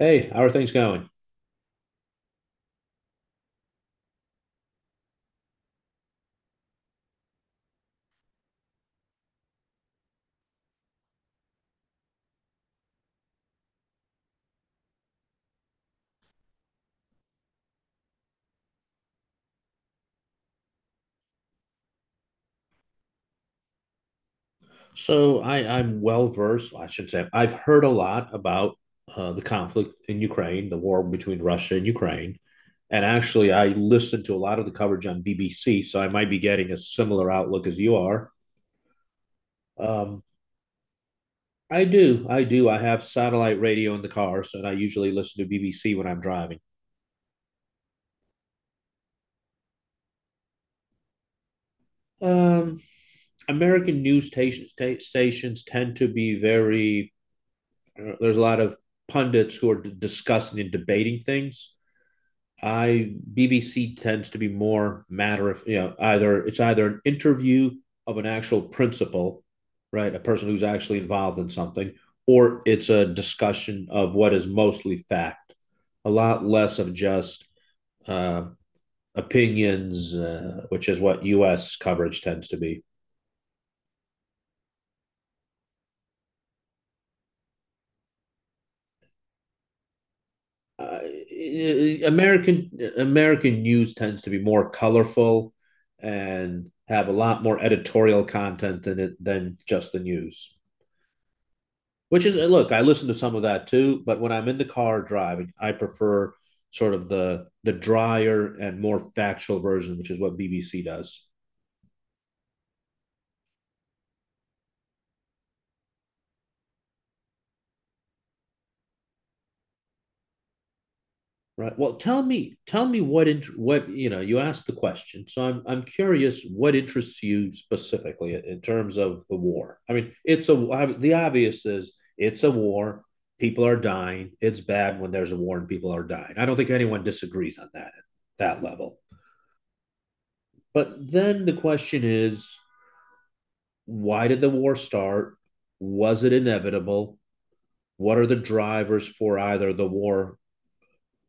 Hey, how are things going? So I'm well versed, I should say. I've heard a lot about the conflict in Ukraine, the war between Russia and Ukraine. And actually, I listened to a lot of the coverage on BBC, so I might be getting a similar outlook as you are. Um, I do. I have satellite radio in the car, so I usually listen to BBC when I'm driving. Um, American news stations tend to be very, there's a lot of pundits who are discussing and debating things. I BBC tends to be more matter of either it's either an interview of an actual principal, right, a person who's actually involved in something, or it's a discussion of what is mostly fact, a lot less of just uh, opinions, which is what U.S. coverage tends to be. Uh, American American news tends to be more colorful and have a lot more editorial content than just the news. Which is look, I listen to some of that too, but when I'm in the car driving, I prefer sort of the drier and more factual version, which is what BBC does. Right. Well, tell me what what you know. You asked the question, so I'm curious what interests you specifically in terms of the war. I mean, it's a the obvious is it's a war. People are dying. It's bad when there's a war and people are dying. I don't think anyone disagrees on that level. But then the question is, why did the war start? Was it inevitable? What are the drivers for either the war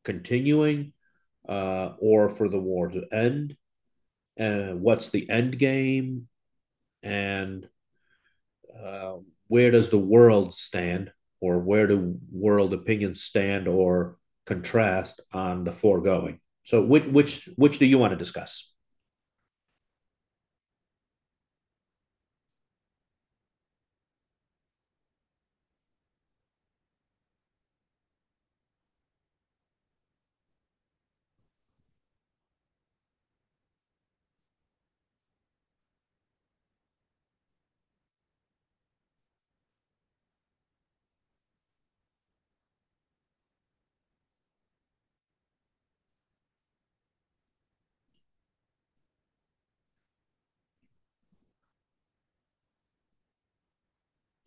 continuing, or for the war to end? And what's the end game? And uh, where does the world stand, or where do world opinions stand or contrast on the foregoing? So, which which do you want to discuss?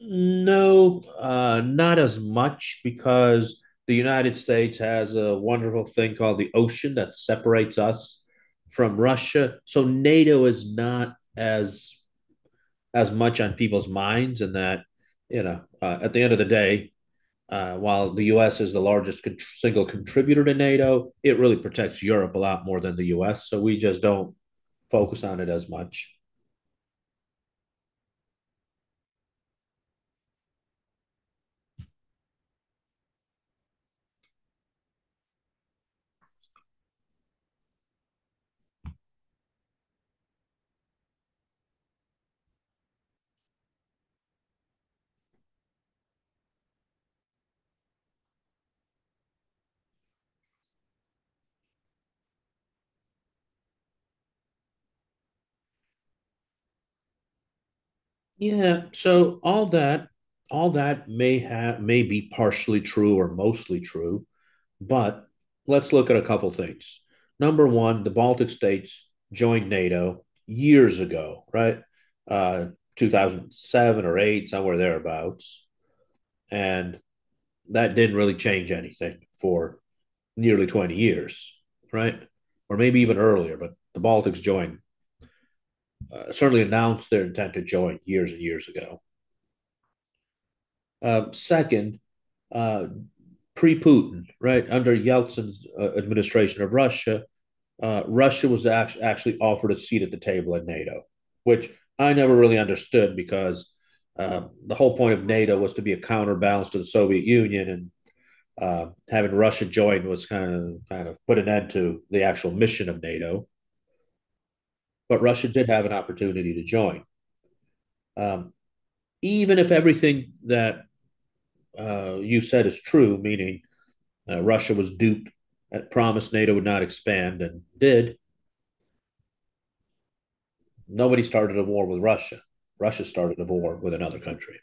No, not as much because the United States has a wonderful thing called the ocean that separates us from Russia. So NATO is not as as much on people's minds, and that you know, at the end of the day, while the U.S. is the largest single contributor to NATO, it really protects Europe a lot more than the U.S. So we just don't focus on it as much. Yeah, so all that may be partially true or mostly true, but let's look at a couple things. Number one, the Baltic states joined NATO years ago, right? Uh, 2007 or 8, somewhere thereabouts, and that didn't really change anything for nearly 20 years, right? Or maybe even earlier, but the Baltics joined, certainly announced their intent to join years and years ago. Second, uh, pre Putin, right, under Yeltsin's administration of Russia, Russia was actually offered a seat at the table at NATO, which I never really understood because the whole point of NATO was to be a counterbalance to the Soviet Union, and having Russia join was kind of put an end to the actual mission of NATO. But Russia did have an opportunity to join, um, even if everything that you said is true, meaning Russia was duped. It promised NATO would not expand and did. Nobody started a war with Russia. Russia started a war with another country.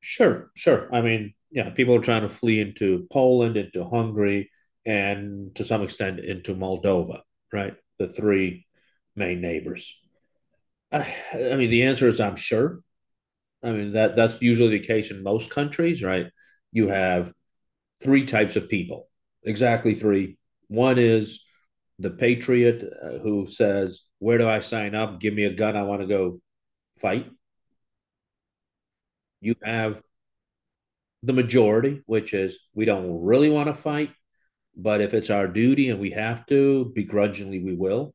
Sure. I mean, yeah, people are trying to flee into Poland, into Hungary, and to some extent into Moldova, right? The three main neighbors. I mean, the answer is I'm sure. I mean that that's usually the case in most countries, right? You have three types of people, exactly three. One is the patriot who says, "Where do I sign up? Give me a gun. I want to go fight." You have the majority, which is we don't really want to fight, but if it's our duty and we have to, begrudgingly we will.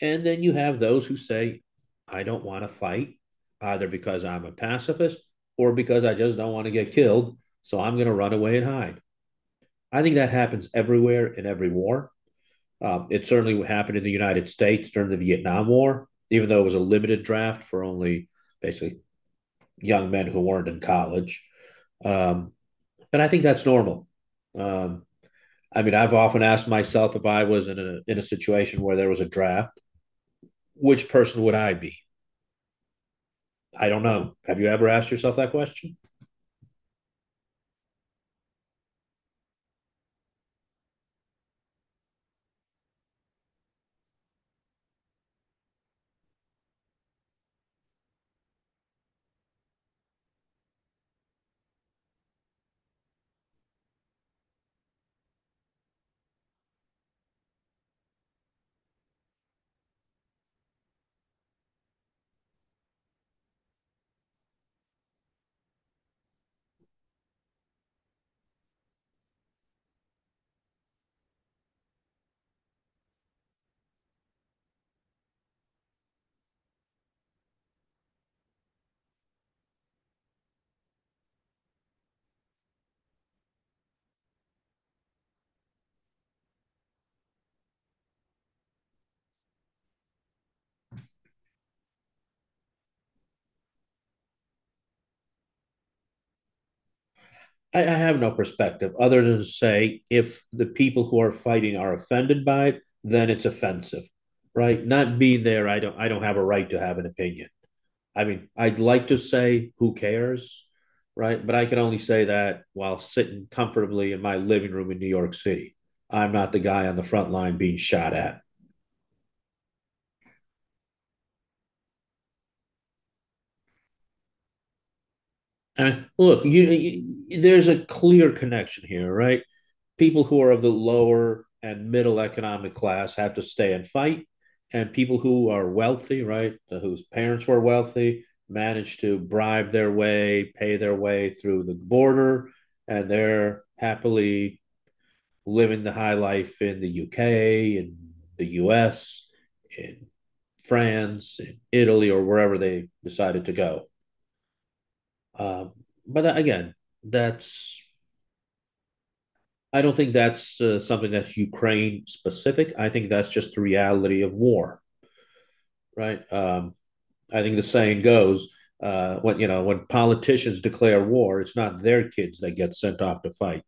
And then you have those who say, I don't want to fight either because I'm a pacifist or because I just don't want to get killed. So I'm going to run away and hide. I think that happens everywhere in every war. It certainly happened in the United States during the Vietnam War, even though it was a limited draft for only basically young men who weren't in college. Um, and I think that's normal. Um, I mean, I've often asked myself if I was in a situation where there was a draft, which person would I be? I don't know. Have you ever asked yourself that question? I have no perspective other than to say if the people who are fighting are offended by it, then it's offensive, right? Not being there, I don't have a right to have an opinion. I mean, I'd like to say who cares, right? But I can only say that while sitting comfortably in my living room in New York City. I'm not the guy on the front line being shot at. And look, there's a clear connection here, right? People who are of the lower and middle economic class have to stay and fight, and people who are wealthy, right, whose parents were wealthy, manage to bribe their way, pay their way through the border, and they're happily living the high life in the UK and the US in France in Italy or wherever they decided to go. Um, but that, again, that's I don't think that's something that's Ukraine specific. I think that's just the reality of war, right? I think the saying goes, when you know when politicians declare war, it's not their kids that get sent off to fight.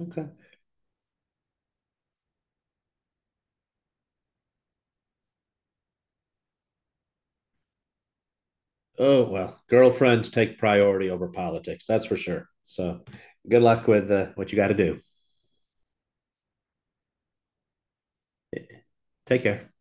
Okay, oh well, girlfriends take priority over politics. That's for sure. So, good luck with what you got to do. Take care.